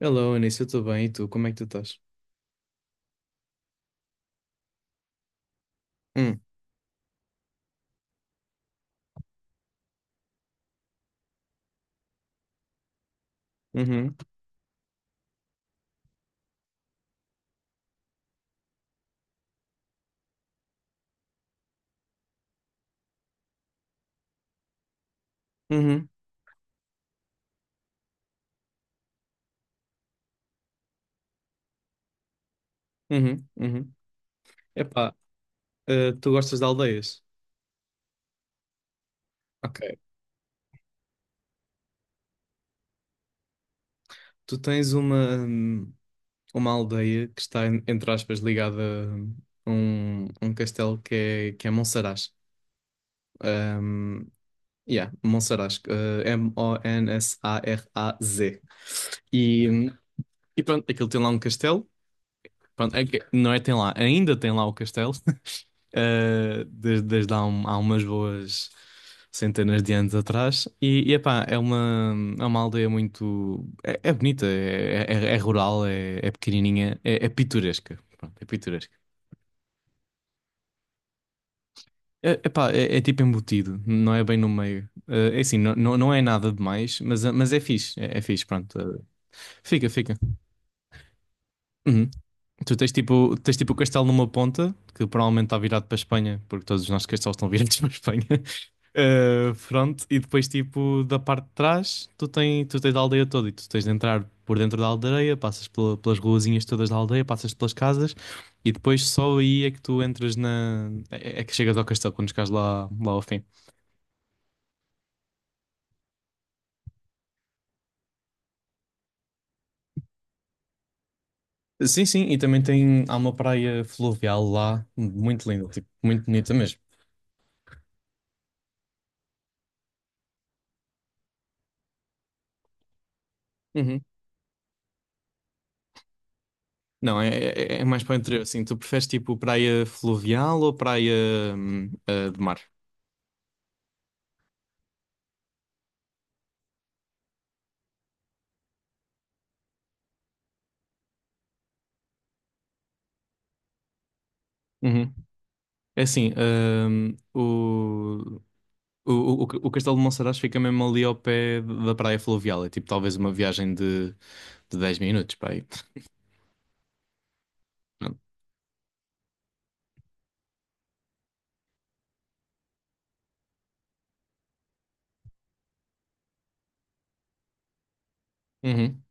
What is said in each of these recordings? Hello, Anísio, eu estou bem, e tu, como é que tu estás? Hum, uhum, uhum, uhum, uhum. Epá, tu gostas de aldeias? Ok. Tu tens uma aldeia que está, entre aspas, ligada a um castelo que é Monsaraz. Um, yeah, Monsaraz. M-O-N-S-A-R-A-Z. E, hum, e pronto, aquilo tem lá um castelo. Pronto, não é tem lá, ainda tem lá o castelo. Desde há, há umas boas centenas de anos atrás. E epá, é uma aldeia muito. É, é, bonita, é rural, é pequenininha, é pitoresca. Pronto, é pitoresca. É, epá, é tipo embutido, não é bem no meio. É assim, não, não, não é nada demais, mas é fixe, é fixe, pronto. Fica, fica. Uhum. Tu tens tipo o castelo numa ponta, que provavelmente está virado para a Espanha, porque todos os nossos castelos estão virados para a Espanha. Pronto, e depois tipo da parte de trás, tu tens a aldeia toda e tu tens de entrar por dentro da aldeia, passas pelas ruazinhas todas da aldeia, passas pelas casas e depois só aí é que tu entras na... é que chegas ao castelo quando chegas lá, ao fim. Sim, sim, e também tem, há uma praia fluvial lá, muito linda, tipo, muito bonita mesmo. Não, é mais para o interior, assim. Tu preferes tipo praia fluvial ou praia de mar? Uhum. É assim, o, o Castelo de Monsaraz fica mesmo ali ao pé da praia fluvial. É tipo talvez uma viagem de 10 minutos para aí. Pronto. Uhum.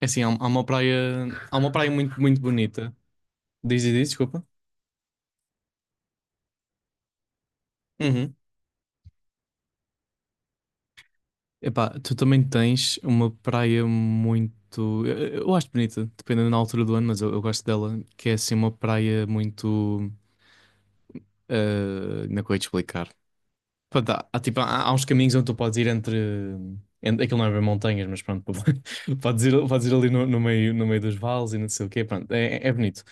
É assim, há uma praia muito, muito bonita. Diz e diz, desculpa. Uhum. Epá, tu também tens uma praia muito. Eu acho bonita, dependendo da altura do ano, mas eu gosto dela, que é assim uma praia muito. Como é que eu ia te explicar? Pronto, tipo, há, há uns caminhos onde tu podes ir Entre aquilo não é bem montanhas, mas pronto, podes ir, ali no meio dos vales e não sei o quê, pronto, é bonito.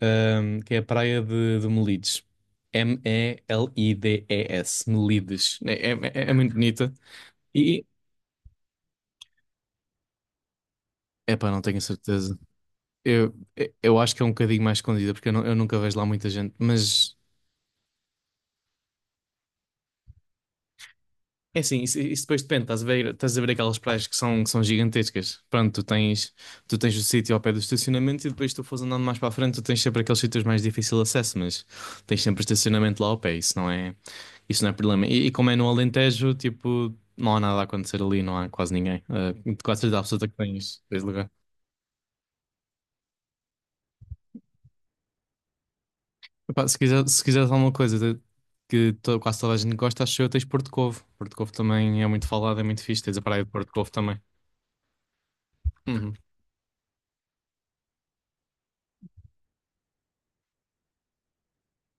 Que é a praia de Melides. M-E-L-I-D-E-S, Melides. É muito bonita. E, epá, não tenho certeza. Eu, eu acho que é um bocadinho mais escondida, porque eu nunca vejo lá muita gente. Mas é assim, isso depois depende. Estás a ver aquelas praias que são gigantescas. Pronto, tu tens o sítio ao pé do estacionamento e depois tu fores andando mais para a frente, tu tens sempre aqueles sítios mais difícil de acesso, mas tens sempre o estacionamento lá ao pé. Isso não é problema. E como é no Alentejo, tipo, não há nada a acontecer ali, não há quase ninguém. Ah, quase certeza absoluta que tens lugar. Epá, se quiseres alguma coisa que quase toda a gente gosta, acho eu, tens Porto Covo. Porto Covo também é muito falado, é muito fixe. Tens a praia de Porto Covo também. Uhum.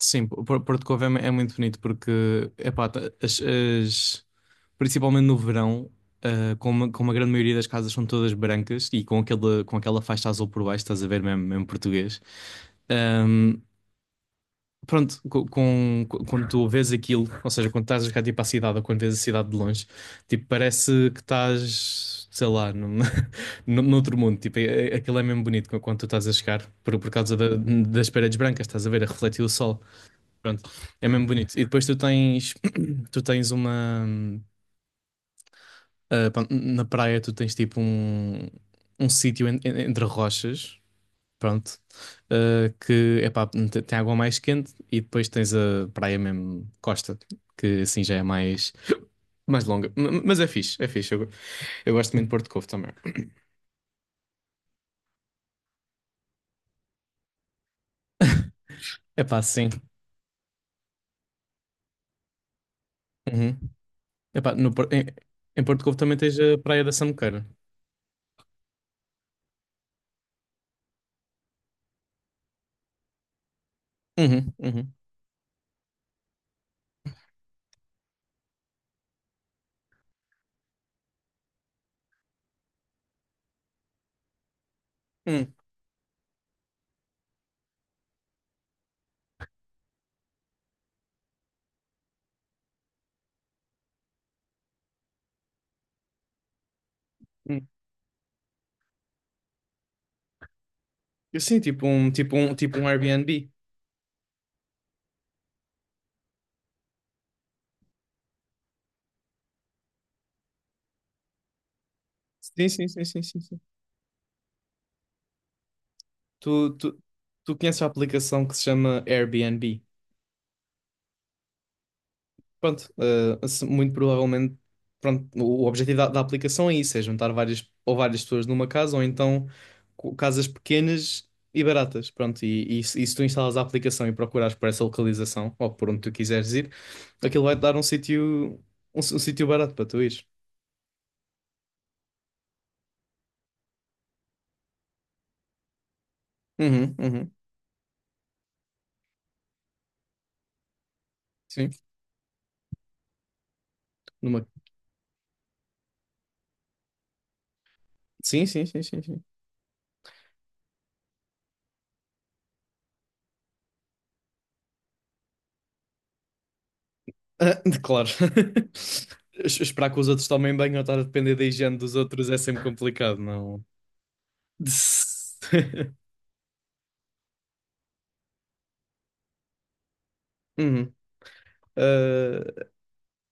Sim, Porto Covo é muito bonito porque, epá, principalmente no verão, ah, como a grande maioria das casas são todas brancas e com aquela, faixa azul por baixo, estás a ver mesmo, mesmo português. Pronto, quando tu vês aquilo, ou seja, quando estás a chegar tipo à cidade ou quando vês a cidade de longe, tipo, parece que estás, sei lá, num, noutro mundo. Tipo, aquilo é mesmo bonito quando tu estás a chegar, por causa das paredes brancas, estás a ver, a refletir o sol. Pronto, é mesmo bonito. E depois tu tens, tu tens uma, ah, pá, na praia tu tens tipo um sítio entre rochas. Pronto. Que epá, tem água mais quente e depois tens a praia mesmo Costa, que assim já é mais, mais longa. Mas é fixe, é fixe. Eu gosto muito de Porto Covo também. Epá, sim. Uhum. Epá, no, Por- em, em Porto Covo também tens a praia da Samuqueira. Uhum, uhum. Hum, hum. Eu sim, tipo um Airbnb. Sim, sim, sim, sim, sim, sim. Tu, tu, tu conheces a aplicação que se chama Airbnb? Pronto, muito provavelmente, pronto, o objetivo da aplicação é isso, é juntar várias pessoas numa casa ou então casas pequenas e baratas, pronto, e se tu instalas a aplicação e procurares por essa localização ou por onde tu quiseres ir, aquilo vai-te dar um sítio um sítio barato para tu ires. Uhum, uhum, sim, numa... Sim, sim, sim, sim, sim. Ah, claro. Esperar que os outros tomem banho ou estar a depender da higiene dos outros é sempre complicado, não? Uhum. é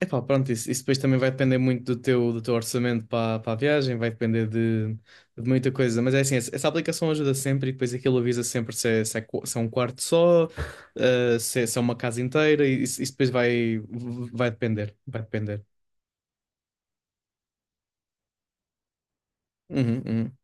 Epá, pronto, isso depois também vai depender muito do teu, orçamento para a viagem, vai depender de, muita coisa, mas é assim, essa aplicação ajuda sempre e depois aquilo avisa sempre se é um quarto só, ah, se é uma casa inteira, e isso depois vai depender. Uhum, uhum.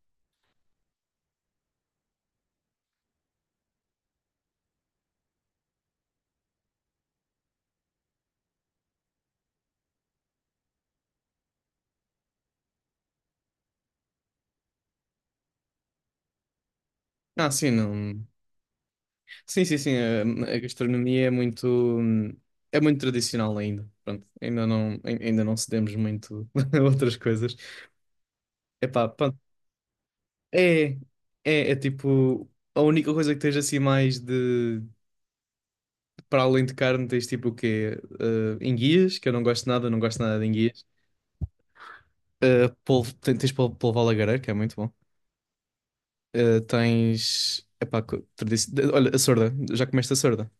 Ah, sim, não. Sim, sim, sim, a gastronomia é muito tradicional ainda, pronto, ainda não cedemos muito a outras coisas. Epá, pronto. É, é tipo, a única coisa que tens assim para além de carne, tens tipo o quê? Enguias, que eu não gosto nada, não gosto nada de enguias. Polvo, tens polvo, polvo à lagareira, que é muito bom. Tens, epá, olha, a sorda, já comeste a sorda.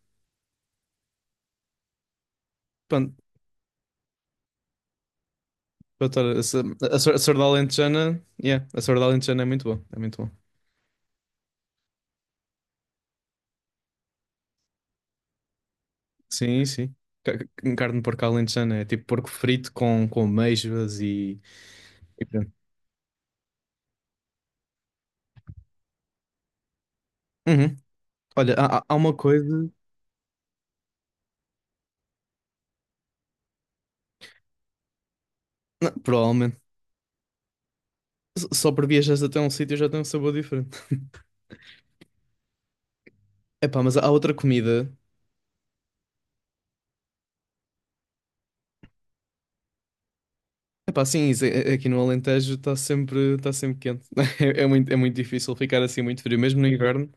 Pronto, pronto, olha, a sorda alentejana, yeah, a sorda alentejana é muito bom, é muito bom. Sim, sim. Carne de porco alentejana é tipo porco frito com amêijoas e pronto. Uhum. Olha, há uma coisa. Não, provavelmente. Só por viajar até um sítio já tem um sabor diferente. Epá, mas há outra comida. Epá, sim, isso, aqui no Alentejo tá sempre quente. É, é muito difícil ficar assim muito frio, mesmo no inverno.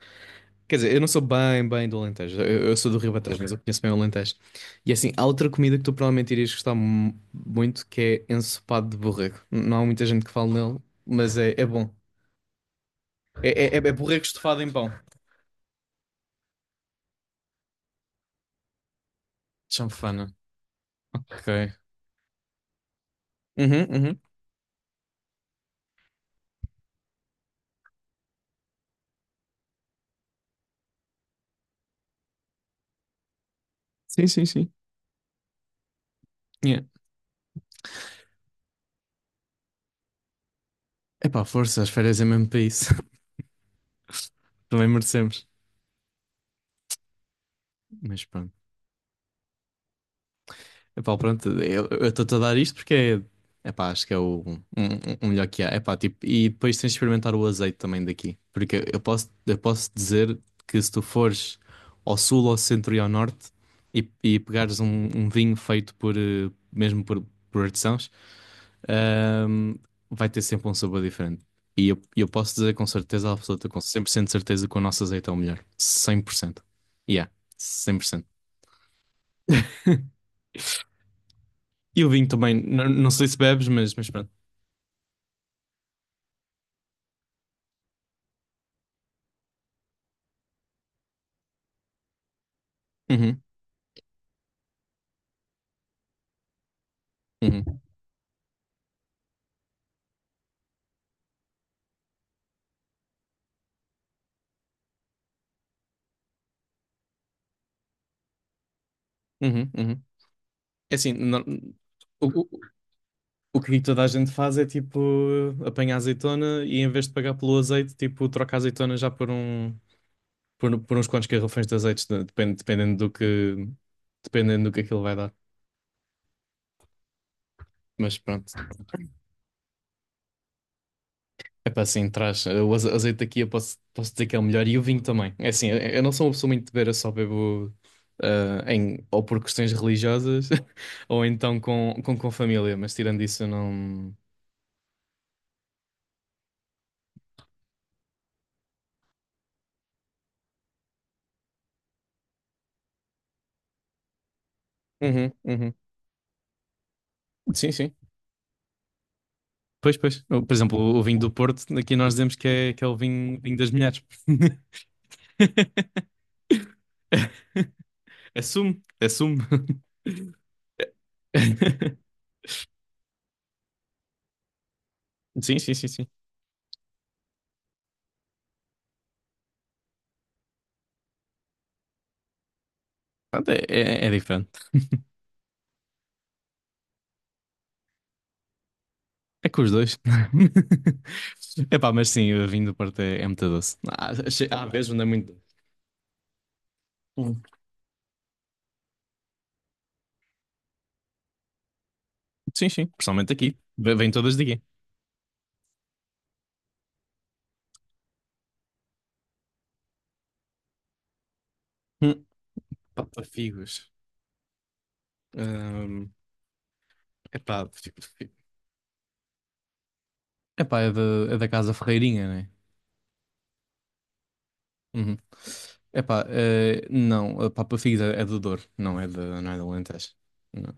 Quer dizer, eu não sou bem, bem do Alentejo. Eu sou do Ribatejo, mas eu conheço bem o Alentejo. E assim, há outra comida que tu provavelmente irias gostar muito, que é ensopado de borrego. Não há muita gente que fala nele, mas é bom. É, é borrego estufado em pão. Chanfana. Ok. Uhum, uhum. Sim, sim, sim. Epá, força, as férias é mesmo para isso. Também merecemos. Mas pronto. Epá, pronto, eu estou-te a dar isto porque é. Epá, acho que é o melhor que há. Epá, tipo, e depois tens de experimentar o azeite também daqui. Porque eu posso dizer que se tu fores ao sul, ao centro e ao norte e pegares um vinho feito mesmo por artesãos, ahm, vai ter sempre um sabor diferente. E eu posso dizer com certeza absoluta, com 100% de certeza que o nosso azeite é o melhor. 100%. Yeah, 100%. E o vinho também, não sei se bebes, mas, pronto. Uhum, uhum, uhum, uhum. É assim, o, o, o que toda a gente faz é tipo apanhar azeitona e em vez de pagar pelo azeite, tipo troca a azeitona já por uns quantos garrafões de azeite, depende, dependendo do que aquilo vai dar. Mas pronto. Epá, sim, traz. O azeite aqui eu posso dizer que é o melhor e o vinho também. É assim, eu não sou uma pessoa muito de beber, eu só bebo ou por questões religiosas ou então com, com família, mas tirando isso eu não. Uhum, uhum. Sim, sim. Pois, pois. Por exemplo, o vinho do Porto, aqui nós dizemos que é o vinho, vinho das mulheres. Assumo, assumo. Sim, sim, sim, sim. Pronto, é diferente. É com os dois. Epá, mas sim, vinho do Porto é muito doce. Há vezes onde é muito doce. Hum. Sim, sim, principalmente aqui. Vem todas de aqui. Hum. Pá, figos. Hum. Epá, figo, figo. Epá, é da Casa Ferreirinha, né? Uhum. Epá, não, a Papa Figos é do Douro, não é do Alentejo. Não.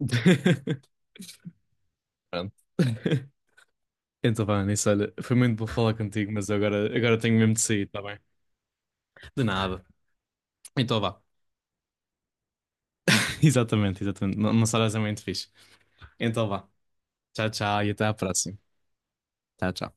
Pronto. Então, vá, nisso, olha, foi muito bom falar contigo, mas agora tenho mesmo de sair, tá bem? De nada. Então, vá. Exatamente, exatamente. Não uma sorazinha muito fixe. Então vá. Tchau, tchau e até à próxima. Tchau, tchau.